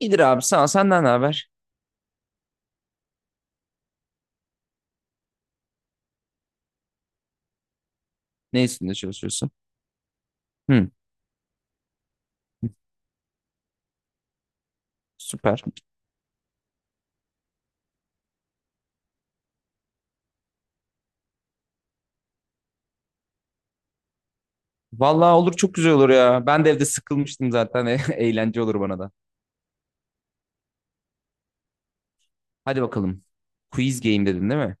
İyidir abi, sağ ol. Senden ne haber? Ne üstünde çalışıyorsun? Hı, süper. Vallahi olur, çok güzel olur ya. Ben de evde sıkılmıştım zaten. Eğlence olur bana da. Hadi bakalım. Quiz game dedin değil mi?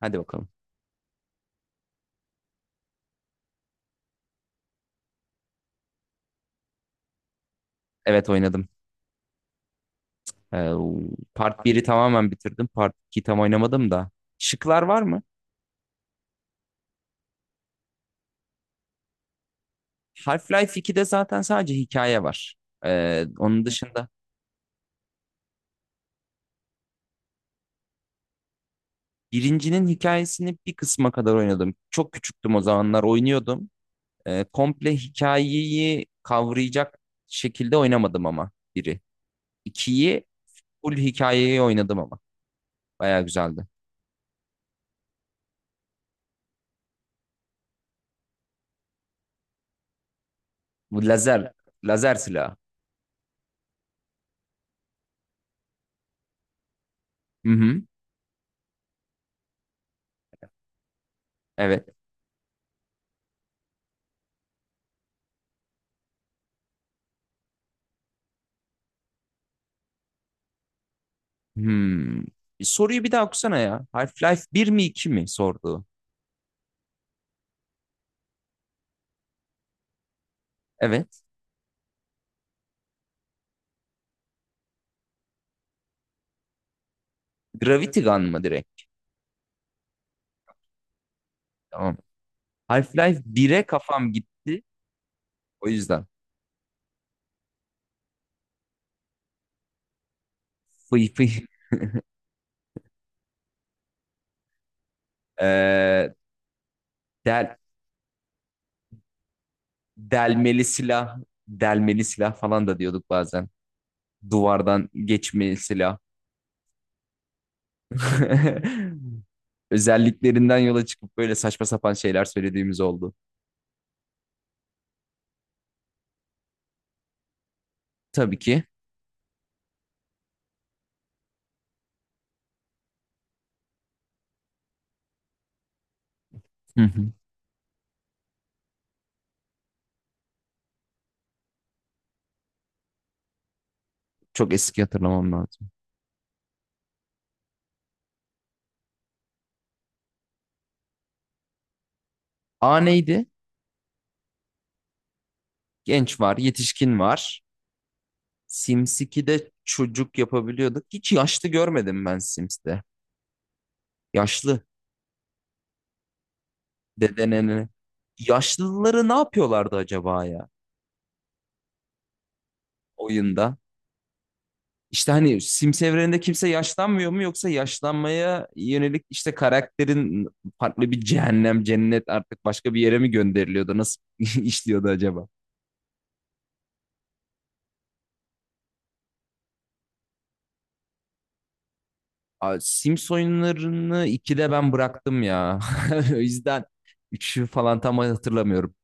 Hadi bakalım. Evet, oynadım. Ee, Part biri tamamen bitirdim. Part 2'yi tam oynamadım da. Şıklar var mı? Half-Life 2'de zaten sadece hikaye var. Onun dışında birincinin hikayesini bir kısma kadar oynadım. Çok küçüktüm, o zamanlar oynuyordum. Komple hikayeyi kavrayacak şekilde oynamadım ama biri. 2'yi full hikayeyi oynadım ama. Bayağı güzeldi. Bu lazer, lazer silahı. Hı hı. Evet. Hmm. Bir soruyu bir daha okusana ya. Half-Life bir mi, 2 mi sordu. Evet. Gravity Gun mı direkt? Tamam. Half-Life bire kafam gitti. O yüzden. Fıy fıy. Ee, del, Delmeli silah. Delmeli silah falan da diyorduk bazen. Duvardan geçmeli silah. Özelliklerinden yola çıkıp böyle saçma sapan şeyler söylediğimiz oldu. Tabii ki. Hı hı. Çok eski, hatırlamam lazım. A neydi? Genç var, yetişkin var. Sims 2'de çocuk yapabiliyorduk. Hiç yaşlı görmedim ben Sims'te. Yaşlı. Dede. Yaşlıları ne yapıyorlardı acaba ya oyunda? İşte hani Sims evreninde kimse yaşlanmıyor mu, yoksa yaşlanmaya yönelik işte karakterin farklı bir cehennem, cennet, artık başka bir yere mi gönderiliyordu? Nasıl işliyordu acaba? Aa, Sims oyunlarını 2'de ben bıraktım ya. O yüzden 3'ü falan tam hatırlamıyorum.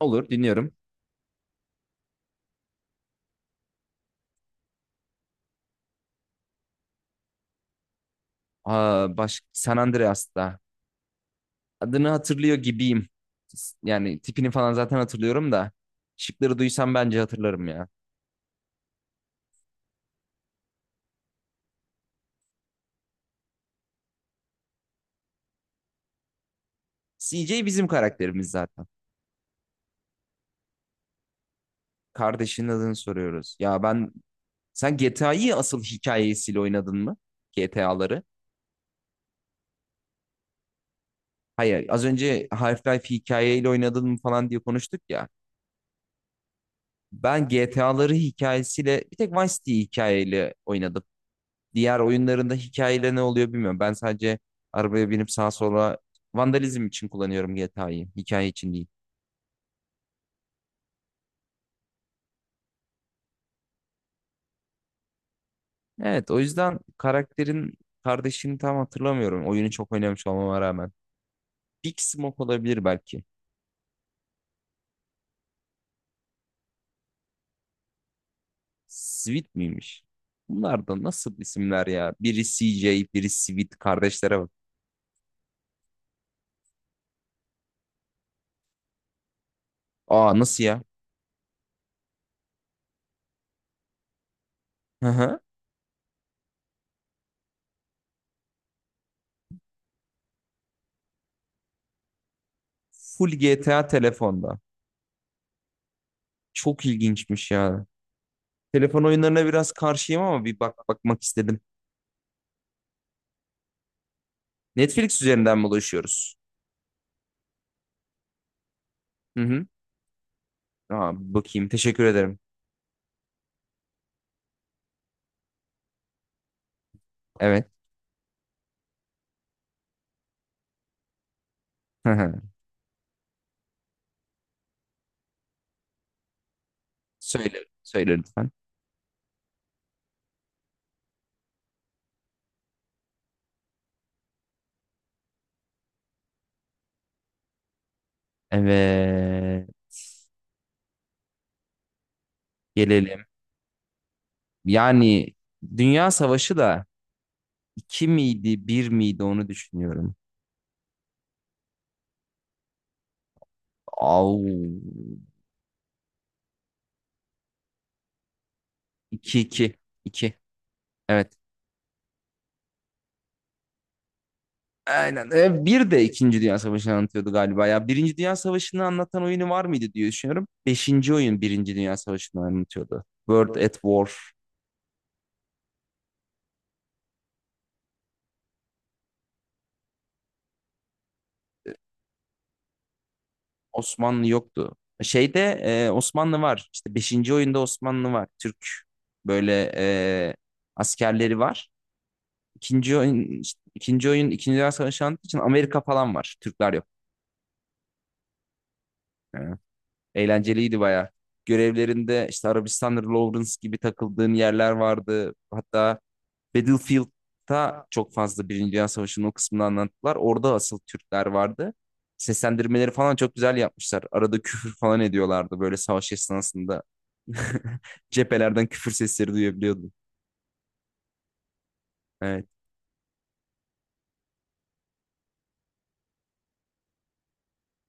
Olur, dinliyorum. Aa, baş... San Andreas'ta. Adını hatırlıyor gibiyim. Yani tipini falan zaten hatırlıyorum da. Şıkları duysam bence hatırlarım ya. CJ bizim karakterimiz zaten. Kardeşinin adını soruyoruz. Ya ben, sen GTA'yı asıl hikayesiyle oynadın mı? GTA'ları. Hayır, az önce Half-Life hikayeyle oynadın mı falan diye konuştuk ya. Ben GTA'ları hikayesiyle bir tek Vice City hikayeyle oynadım. Diğer oyunlarında hikayeyle ne oluyor bilmiyorum. Ben sadece arabaya binip sağa sola vandalizm için kullanıyorum GTA'yı. Hikaye için değil. Evet, o yüzden karakterin kardeşini tam hatırlamıyorum. Oyunu çok oynamış olmama rağmen. Big Smoke olabilir belki. Sweet miymiş? Bunlar da nasıl isimler ya? Biri C J, biri Sweet, kardeşlere bak. Aa, nasıl ya? Hı hı. Full GTA telefonda. Çok ilginçmiş ya. Telefon oyunlarına biraz karşıyım ama bir bak bakmak istedim. Netflix üzerinden mi ulaşıyoruz? Hı hı. Aa, bir bakayım. Teşekkür ederim. Evet. Hı hı. Söyle, söyle lütfen. Evet. Gelelim. Yani Dünya Savaşı da iki miydi, bir miydi onu düşünüyorum. Au. İki iki, iki. Evet. Aynen. Bir de İkinci Dünya Savaşı'nı anlatıyordu galiba ya. Birinci Dünya Savaşı'nı anlatan oyunu var mıydı diye düşünüyorum. Beşinci oyun Birinci Dünya Savaşı'nı anlatıyordu. World at War. Osmanlı yoktu. Şeyde Osmanlı var. İşte beşinci oyunda Osmanlı var. Türk böyle askerleri var. İkinci oyun, işte ikinci oyun İkinci Dünya Savaşı anlattığı için Amerika falan var. Türkler yok. Yani eğlenceliydi baya. Görevlerinde işte Arabistan'da Lawrence gibi takıldığın yerler vardı. Hatta Battlefield'da çok fazla Birinci Dünya Savaşı'nın o kısmını anlattılar. Orada asıl Türkler vardı. Seslendirmeleri falan çok güzel yapmışlar. Arada küfür falan ediyorlardı böyle savaş esnasında. Cephelerden küfür sesleri duyabiliyordum. Evet.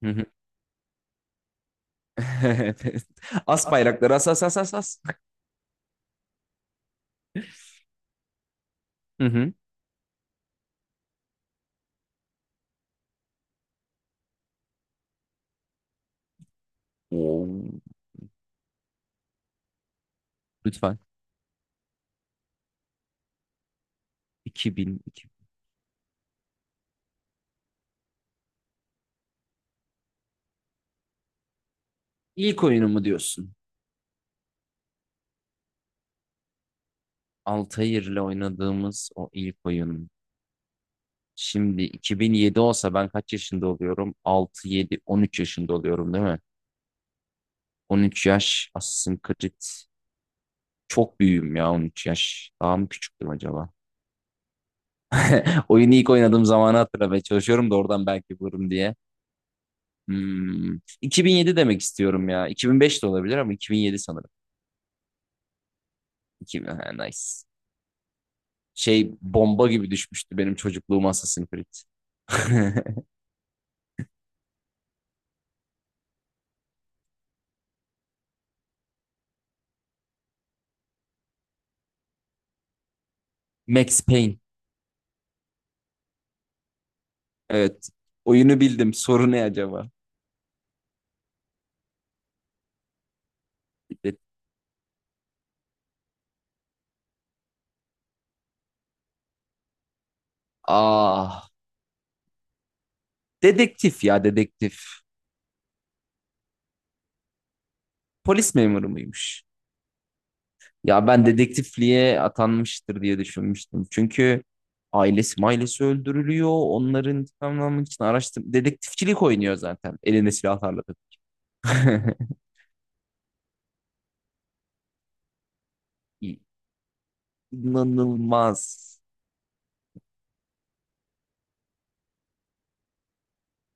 Hı hı. Evet. As bayrakları, as as as as as. Hı hı. Oo. Lütfen. 2000. 2000. İlk oyunu mu diyorsun? Altair'le oynadığımız o ilk oyun. Şimdi 2007 olsa ben kaç yaşında oluyorum? 6, 7, 13 yaşında oluyorum değil mi? 13 yaş Assassin's Creed. Çok büyüğüm ya 13 yaş. Daha mı küçüktüm acaba? Oyunu ilk oynadığım zamanı hatırlamaya çalışıyorum da, oradan belki bulurum diye. Hmm. 2007 demek istiyorum ya. 2005 de olabilir ama 2007 sanırım. 2000, ha, nice. Şey, bomba gibi düşmüştü benim çocukluğum Assassin's Creed. Max Payne. Evet. Oyunu bildim. Soru ne acaba? De- Ah. Dedektif ya, dedektif. Polis memuru muymuş? Ya ben dedektifliğe atanmıştır diye düşünmüştüm. Çünkü ailesi mailesi öldürülüyor. Onların intikamını almak için araştır. Dedektifçilik oynuyor zaten. Eline silah tarladı. İnanılmaz.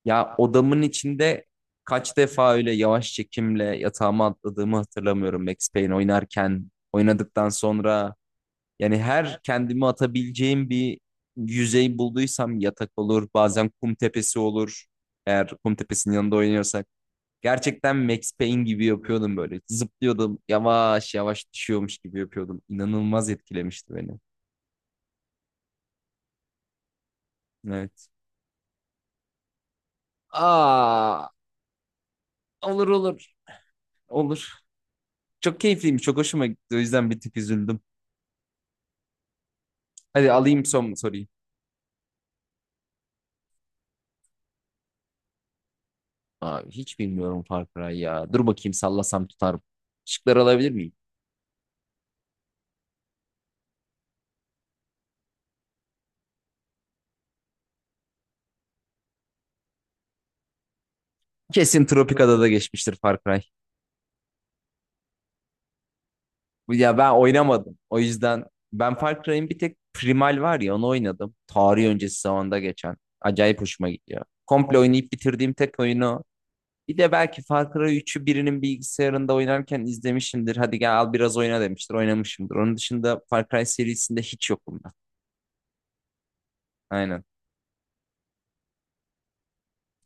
Ya odamın içinde kaç defa öyle yavaş çekimle yatağıma atladığımı hatırlamıyorum. Max Payne oynarken, oynadıktan sonra. Yani her kendimi atabileceğim bir yüzey bulduysam yatak olur, bazen kum tepesi olur. Eğer kum tepesinin yanında oynuyorsak. Gerçekten Max Payne gibi yapıyordum böyle. Zıplıyordum, yavaş yavaş düşüyormuş gibi yapıyordum. İnanılmaz etkilemişti beni. Evet. Aa, olur, olur. Olur. Çok keyifliymiş, çok hoşuma gitti. O yüzden bir tık üzüldüm. Hadi alayım son soruyu. Abi hiç bilmiyorum Far Cry ya. Dur bakayım, sallasam tutarım. Şıkları alabilir miyim? Kesin Tropikada'da geçmiştir Far Cry. Ya ben oynamadım. O yüzden ben Far Cry'in bir tek Primal var ya, onu oynadım. Tarih öncesi zamanda geçen. Acayip hoşuma gidiyor. Komple oynayıp bitirdiğim tek oyunu o. Bir de belki Far Cry üçü birinin bilgisayarında oynarken izlemişimdir. Hadi gel al biraz oyna demiştir. Oynamışımdır. Onun dışında Far Cry serisinde hiç yokum ben. Aynen.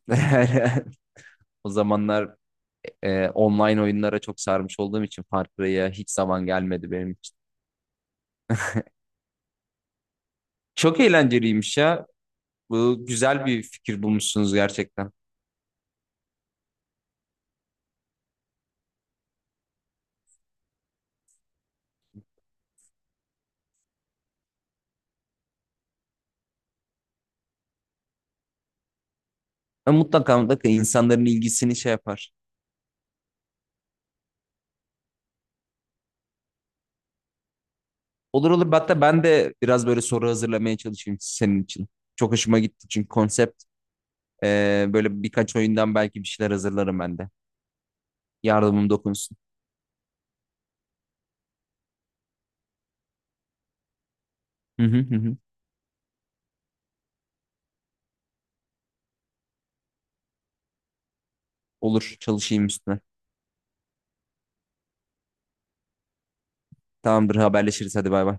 O zamanlar online oyunlara çok sarmış olduğum için Far Cry'a hiç zaman gelmedi benim için. Çok eğlenceliymiş ya. Bu güzel bir fikir bulmuşsunuz gerçekten. Ama mutlaka mutlaka insanların ilgisini şey yapar. Olur olur, hatta ben de biraz böyle soru hazırlamaya çalışayım senin için. Çok hoşuma gitti çünkü konsept, böyle birkaç oyundan belki bir şeyler hazırlarım ben de. Yardımım dokunsun. Hı hı hı. Hı. Olur, çalışayım üstüne. Tamamdır, haberleşiriz. Hadi bay bay.